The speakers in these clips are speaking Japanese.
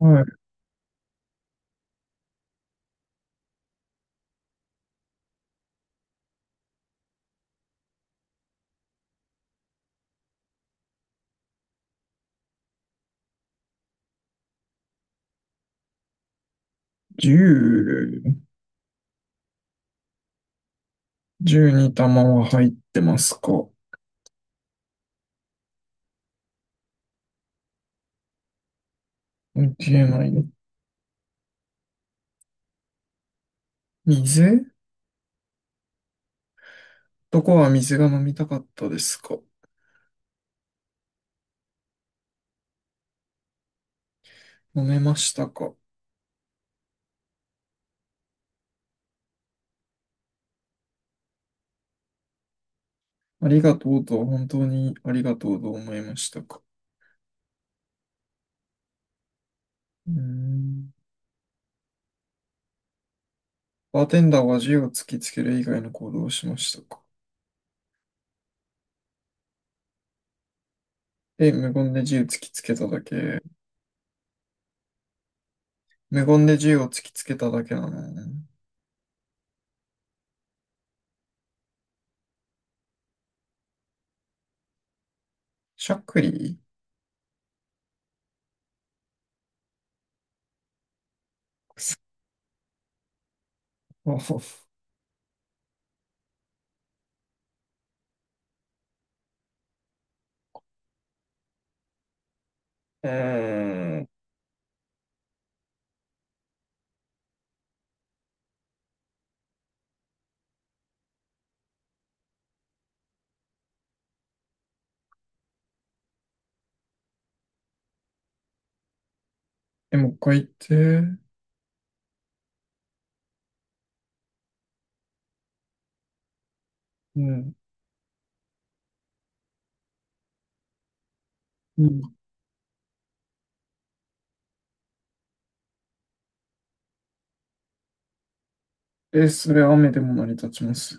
はい。10、1玉は入ってますか？見えない。水どこは水が飲みたかったですか？飲めましたか？ありがとうとは本当にありがとうと思いましたか？うーん。バーテンダーは銃を突きつける以外の行動をしましたか？え、無言で銃突きつけただけ。無言で銃を突きつけただけなのね。しゃっくりくそう。うーん。え、もう一回言って。うん。え、それ雨でも成り立ちます。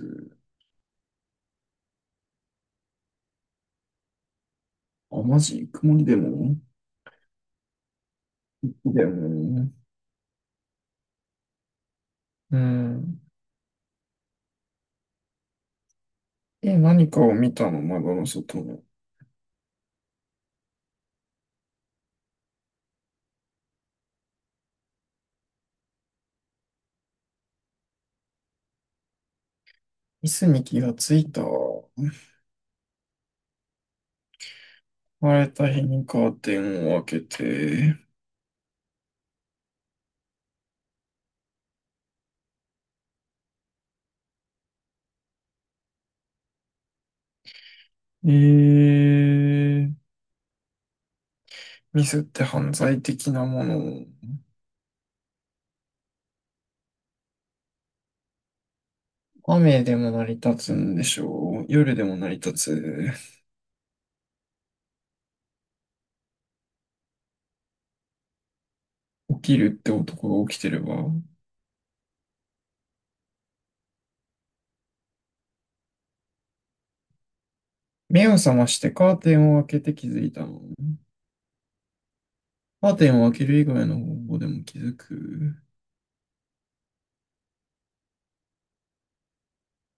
あ、マジ曇りでもでも、うん。え、何かを見たの、窓の外の。椅子に気がついた。晴れた日にカーテンを開けて。えー、ミスって犯罪的なもの。雨でも成り立つんでしょう。夜でも成り立つ。起きるって男が起きてれば。目を覚ましてカーテンを開けて気づいたの。カーテンを開ける以外の方法でも気づく。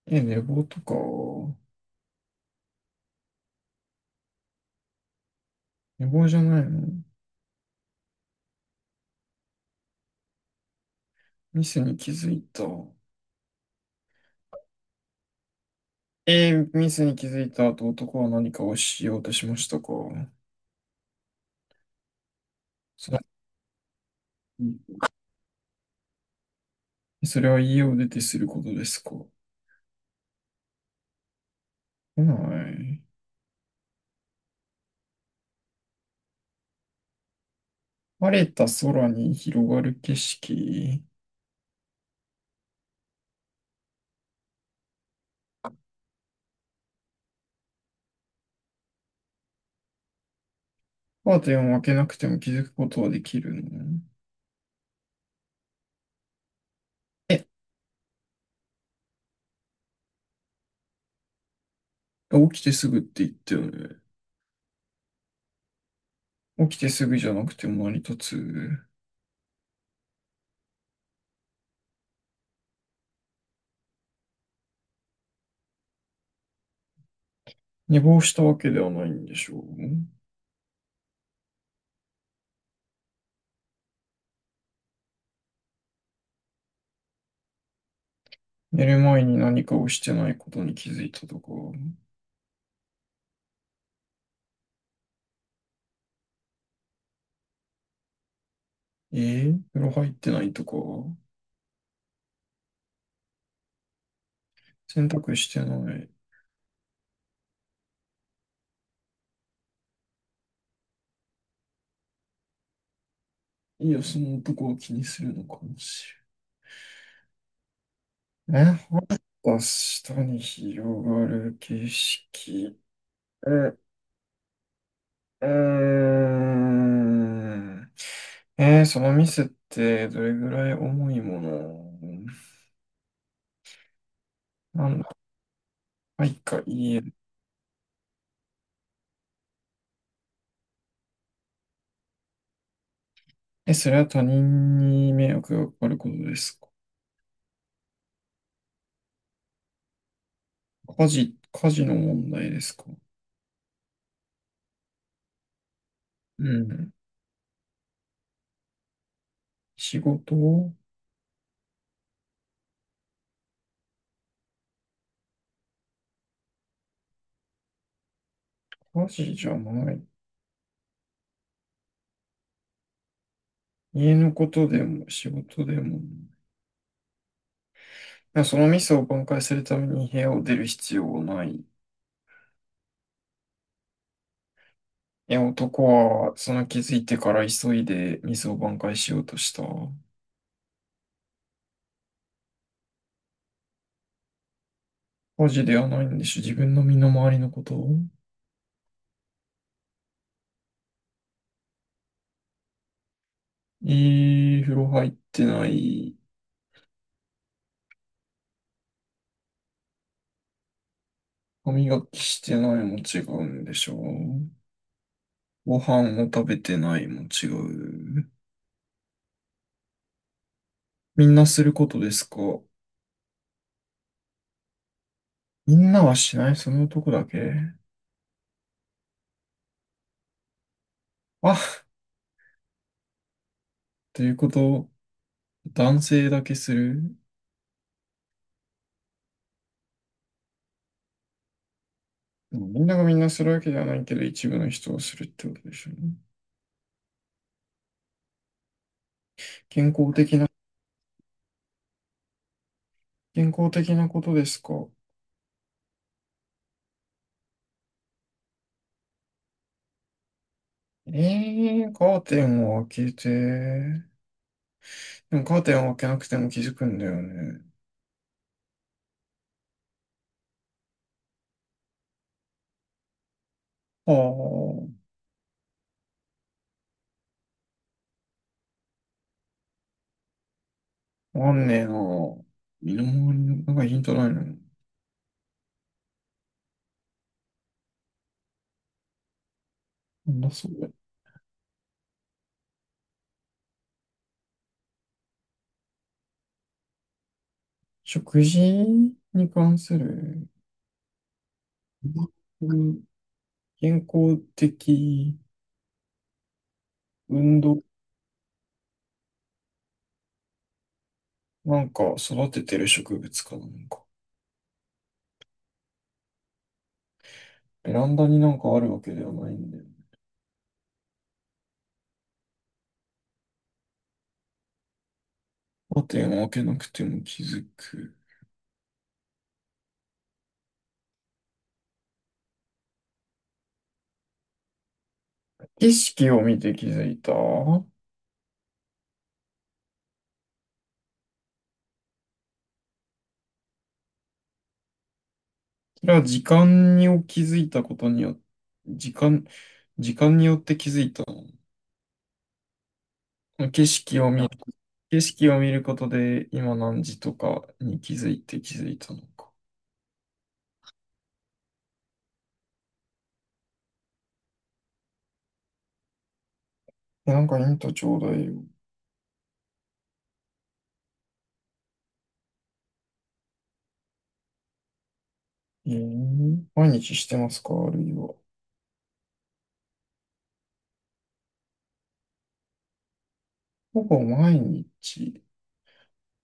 え、寝坊とか、寝坊じゃないの？ミスに気づいた。ミスに気づいた後、男は何かをしようとしましたか？それ、それは家を出てすることですか？来ない。晴れた空に広がる景色。カーテンを開けなくても気づくことはできるの？え、起きてすぐって言ったよね。起きてすぐじゃなくても成り立つ。寝坊したわけではないんでしょう。寝る前に何かをしてないことに気づいたとか、風呂入ってないとか、洗濯してない。いや、その男を気にするのかもしれない。え、また下に広がる景色。う、うーん。その店ってどれぐらい重いものなんだ、はいか言える。え、それは他人に迷惑がかかることですか？家事の問題ですか？うん。仕事を家事じゃない。家のことでも仕事でもない。そのミスを挽回するために部屋を出る必要はない。いや、男はその気づいてから急いでミスを挽回しようとした。家事ではないんでしょ。自分の身の回りのこと。いい風呂入ってない。歯磨きしてないも違うんでしょう。ご飯を食べてないも違う。みんなすることですか？みんなはしないその男だけあということを男性だけする。でもみんながみんなするわけではないけど、一部の人をするってことでしょうね。健康的な、健康的なことですか。カーテンを開けて。でもカーテンを開けなくても気づくんだよね。ああ、わかんねえな。身の回りの、なんかヒントないの？なんだそれ。食事に関する。うん健康的運動、なんか育ててる植物かなんか。ベランダになんかあるわけではないんだよ。カーテンを開けなくても気づく。景色を見て気づいた。それは時間に気づいたことによって、時間、時間によって気づいたの？景色を見る、景色を見ることで今何時とかに気づいたのか。えなんかヒントちょうだいよ。毎日してますかあるいは。ほぼ毎日。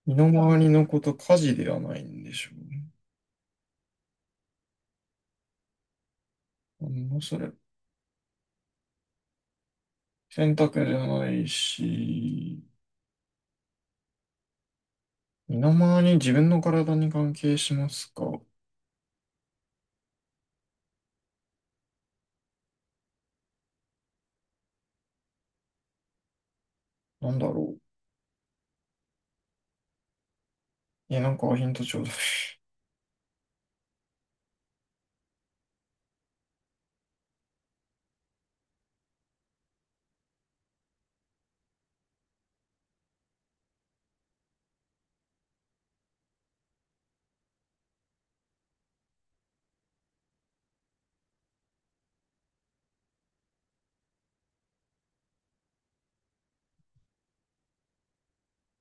身の回りのこと、家事ではないんでしょうね。なんだそれ。選択じゃないし、身の回りに自分の体に関係しますか？なんだろう。え、なんかヒントちょうだい。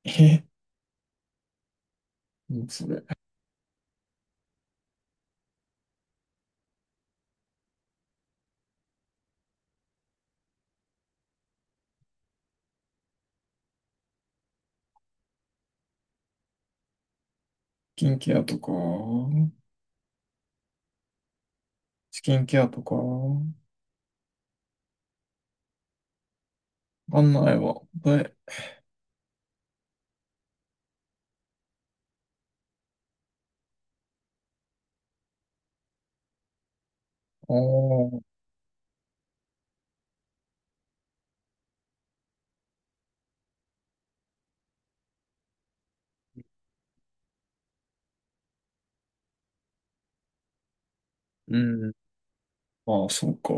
え、もうそれ。キンケアとか、スキンケアとか、わかんないわ。で、ああ、うん。まあ、そうか。